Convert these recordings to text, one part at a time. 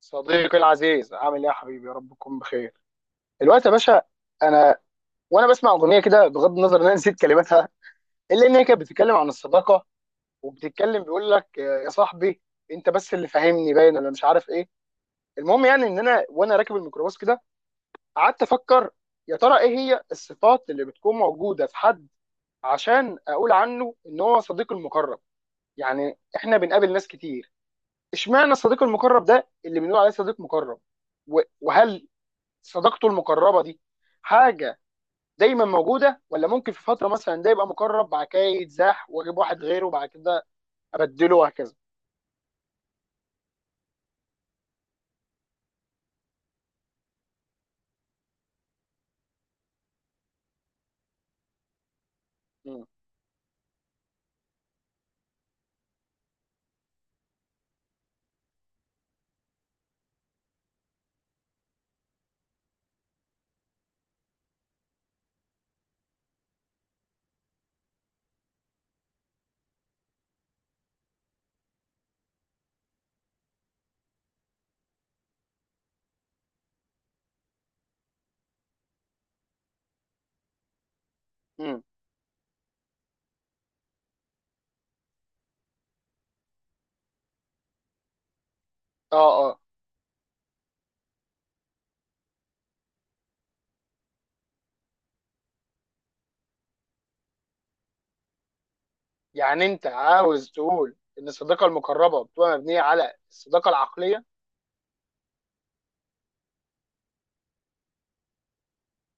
صديقي العزيز، عامل ايه يا حبيبي؟ يا رب تكون بخير الوقت يا باشا. انا وانا بسمع اغنيه كده، بغض النظر ان انا نسيت كلماتها، الا ان هي كانت بتتكلم عن الصداقه وبتتكلم، بيقول لك آه، يا صاحبي انت بس اللي فاهمني باين، ولا مش عارف ايه. المهم يعني ان انا وانا راكب الميكروباص كده، قعدت افكر يا ترى ايه هي الصفات اللي بتكون موجوده في حد عشان اقول عنه ان هو صديق المقرب. يعني احنا بنقابل ناس كتير، اشمعنى الصديق المقرب ده اللي بنقول عليه صديق مقرب؟ وهل صداقته المقربه دي حاجه دايما موجوده، ولا ممكن في فتره مثلا ده يبقى مقرب، بعد كده يتزاح واجيب واحد غيره، بعد كده ابدله وهكذا. مم. مم. اه اه. يعني انت عاوز تقول ان الصداقه المقربه بتبقى مبنيه على الصداقه العقليه؟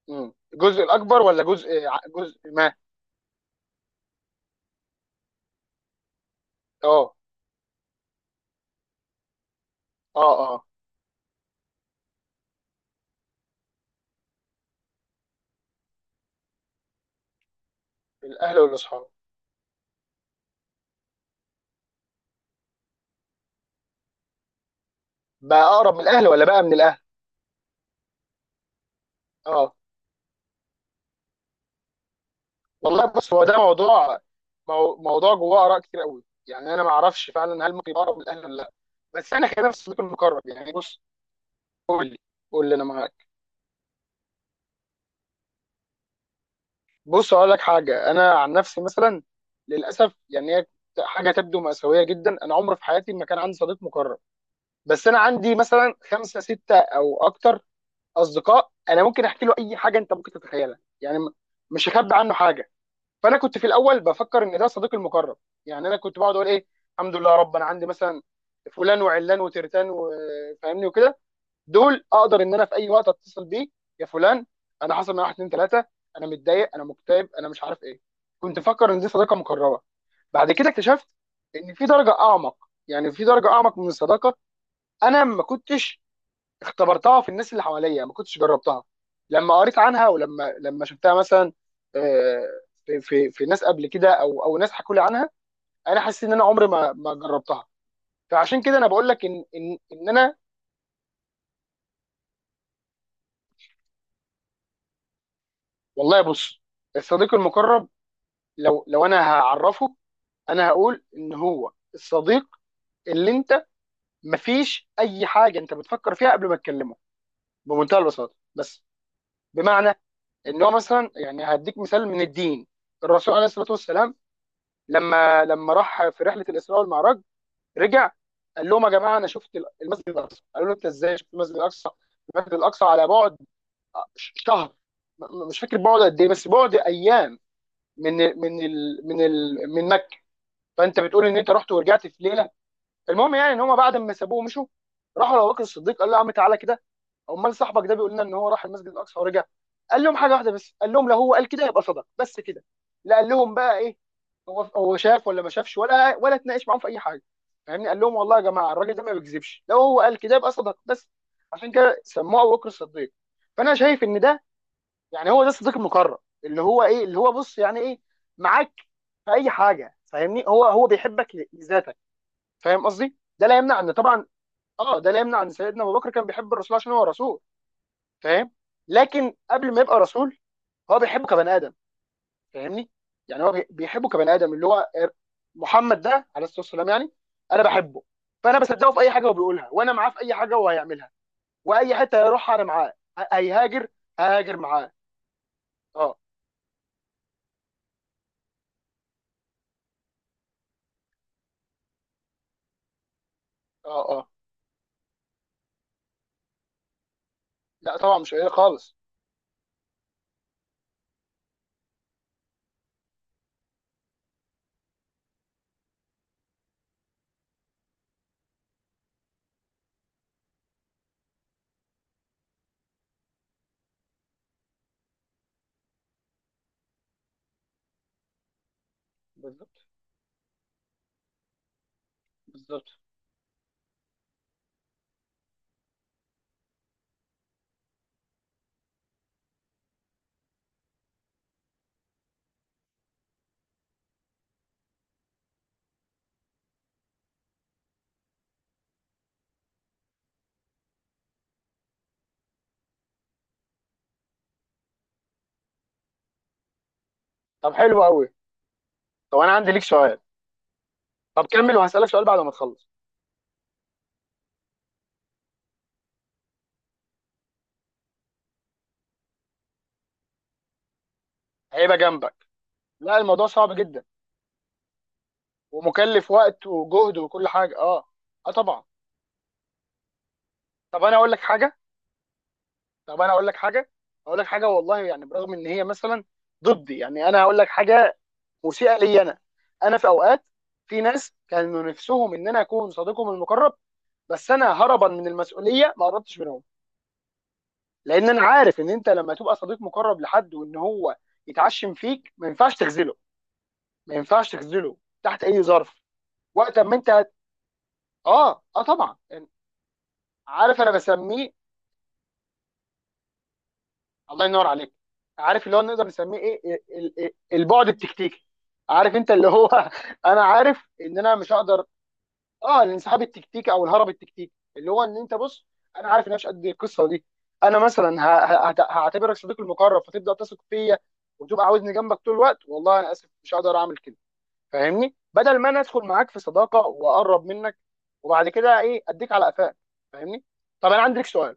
مم. الجزء الاكبر ولا جزء جزء ما؟ اه اه. اه. الاهل والاصحاب. بقى اقرب من الاهل ولا بقى من الاهل؟ اه. والله بص، هو ده موضوع، موضوع جواه اراء كتير قوي. يعني انا ما اعرفش فعلا هل ممكن يقرب من الاهلي ولا لا. بس انا خلينا في السلوك المقرب، يعني بص، قول لي. قول لي انا معاك. بص اقول لك حاجه، انا عن نفسي مثلا، للاسف يعني هي حاجه تبدو مأساويه جدا، انا عمري في حياتي ما كان عندي صديق مقرب. بس انا عندي مثلا خمسه سته او اكتر اصدقاء انا ممكن احكي له اي حاجه انت ممكن تتخيلها، يعني مش هخبي عنه حاجه. فانا كنت في الاول بفكر ان ده صديقي المقرب. يعني انا كنت بقعد اقول ايه، الحمد لله يا رب انا عندي مثلا فلان وعلان وترتان وفاهمني وكده، دول اقدر ان انا في اي وقت اتصل بيه، يا فلان انا حصل معايا واحد اتنين تلاته، انا متضايق، انا مكتئب، انا مش عارف ايه. كنت مفكر ان دي صداقه مقربه. بعد كده اكتشفت ان في درجه اعمق، يعني في درجه اعمق من الصداقه انا ما كنتش اختبرتها في الناس اللي حواليا، ما كنتش جربتها. لما قريت عنها ولما شفتها مثلا، آه، في ناس قبل كده او ناس حكوا لي عنها، انا حسيت ان انا عمري ما جربتها. فعشان كده انا بقول لك ان انا. والله بص، الصديق المقرب لو انا هعرفه، انا هقول ان هو الصديق اللي انت مفيش اي حاجه انت بتفكر فيها قبل ما تكلمه، بمنتهى البساطه بس. بمعنى ان هو مثلا، يعني هديك مثال من الدين، الرسول عليه الصلاه والسلام لما راح في رحله الاسراء والمعراج، رجع قال لهم يا جماعه انا شفت المسجد الاقصى. قالوا له انت ازاي شفت المسجد الاقصى؟ المسجد الاقصى على بعد شهر، مش فاكر بعد قد ايه، بس بعد ايام من مكه. فانت بتقول ان انت رحت ورجعت في ليله؟ المهم يعني ان هم بعد ما سابوه ومشوا، راحوا لابو بكر الصديق، قال له يا عم تعالى كده، امال صاحبك ده بيقول لنا ان هو راح المسجد الاقصى ورجع. قال لهم حاجه واحده بس، قال لهم لو هو قال كده يبقى صدق، بس كده. لا قال لهم بقى ايه، هو شاف ولا ما شافش ولا اتناقش معاهم في اي حاجه، فاهمني، قال لهم والله يا جماعه الراجل ده ما بيكذبش، لو هو قال كده يبقى صدق بس. عشان كده سموه ابو بكر الصديق. فانا شايف ان ده، يعني هو ده الصديق المقرب، اللي هو ايه، اللي هو بص، يعني ايه معاك في اي حاجه، فاهمني؟ هو بيحبك لذاتك، فاهم قصدي؟ ده لا يمنع ان طبعا، اه ده لا يمنع ان سيدنا ابو بكر كان بيحب الرسول عشان هو رسول، فاهم؟ لكن قبل ما يبقى رسول، هو بيحبه كبني ادم، فاهمني؟ يعني هو بيحبه كبني ادم اللي هو محمد ده عليه الصلاه والسلام. يعني انا بحبه، فانا بصدقه في اي حاجه هو بيقولها، وانا معاه في اي حاجه هو هيعملها، واي حته هيروحها انا معاه، هيهاجر هاجر معاه. اه اه اه. لا طبعا مش قليل خالص. بالظبط. بالظبط. طب حلو قوي. طب انا عندي ليك سؤال. طب كمل وهسالك سؤال بعد ما تخلص. هيبقى جنبك. لا الموضوع صعب جدا، ومكلف وقت وجهد وكل حاجه. اه. اه طبعا. طب انا اقول لك حاجه. طب انا اقول لك حاجه. اقول لك حاجه، والله يعني برغم ان هي مثلا ضدي، يعني انا هقول لك حاجه مسيئه لي انا. انا في اوقات، في ناس كانوا نفسهم ان انا اكون صديقهم المقرب، بس انا هربا من المسؤوليه ما قربتش منهم. لان انا عارف ان انت لما تبقى صديق مقرب لحد وان هو يتعشم فيك، ما ينفعش تخذله، ما ينفعش تخذله تحت اي ظرف. وقت ما انت هت... اه اه طبعا يعني، عارف انا بسميه، الله ينور عليك، عارف اللي هو نقدر نسميه ايه، إيه؟ البعد التكتيكي، عارف انت اللي هو انا عارف ان انا مش هقدر. اه الانسحاب التكتيكي او الهرب التكتيكي، اللي هو ان انت بص انا عارف ان انا مش قد القصه دي، انا مثلا هعتبرك صديقي المقرب فتبدا تثق فيا وتبقى عاوزني جنبك طول الوقت، والله انا اسف مش هقدر اعمل كده، فاهمني؟ بدل ما انا ادخل معاك في صداقه واقرب منك وبعد كده ايه اديك على قفاك، فاهمني؟ طب انا عندي لك سؤال،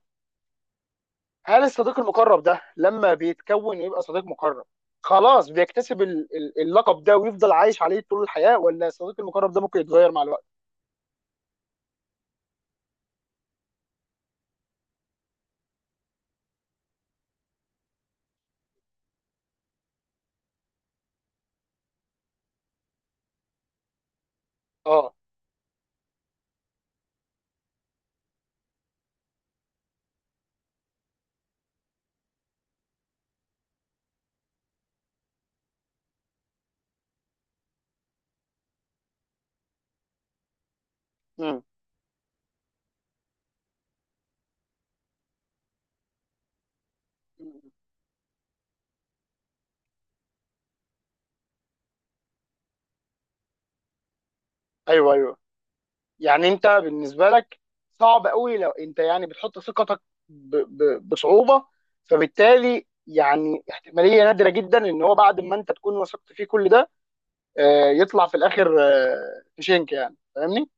هل الصديق المقرب ده لما بيتكون ويبقى صديق مقرب خلاص بيكتسب اللقب ده ويفضل عايش عليه طول الحياة، ولا الصديق المقرب ده ممكن يتغير مع الوقت؟ اه. امم. ايوه ايوه، يعني انت بالنسبة لك صعب قوي، لو انت يعني بتحط ثقتك بصعوبة، فبالتالي يعني احتمالية نادرة جدا ان هو بعد ما انت تكون وثقت فيه كل ده، يطلع في الاخر في شنك، يعني فاهمني؟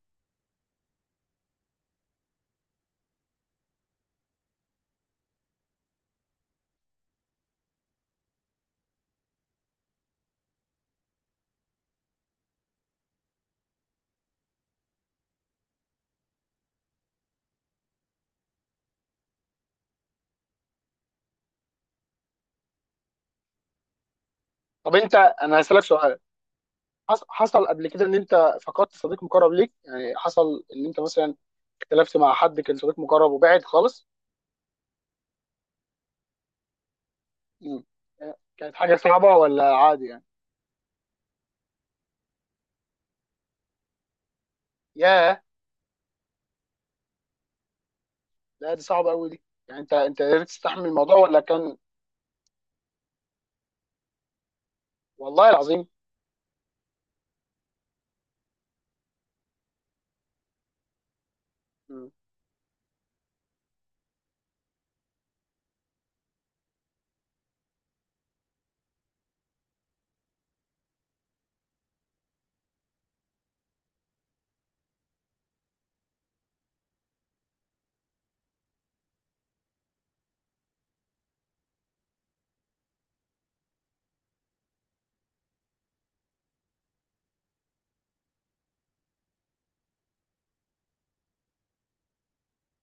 طب انت انا هسألك سؤال، حصل قبل كده ان انت فقدت صديق مقرب ليك، يعني حصل ان انت مثلا اختلفت مع حد كان صديق مقرب وبعد خالص؟ مم. كانت حاجه صعبه ولا عادي يعني؟ ياه. لا دي صعبه قوي دي، يعني انت قدرت تستحمل الموضوع ولا كان؟ والله العظيم. مم.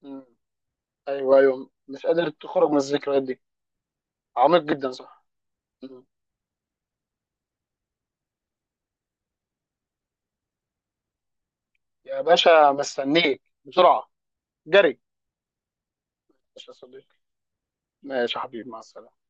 مم. ايوه ايوه، مش قادر تخرج من الذكريات دي. عميق جدا صح. مم. يا باشا مستنيك بسرعه. جري. ماشي يا صديقي. ماشي يا حبيبي، مع السلامه.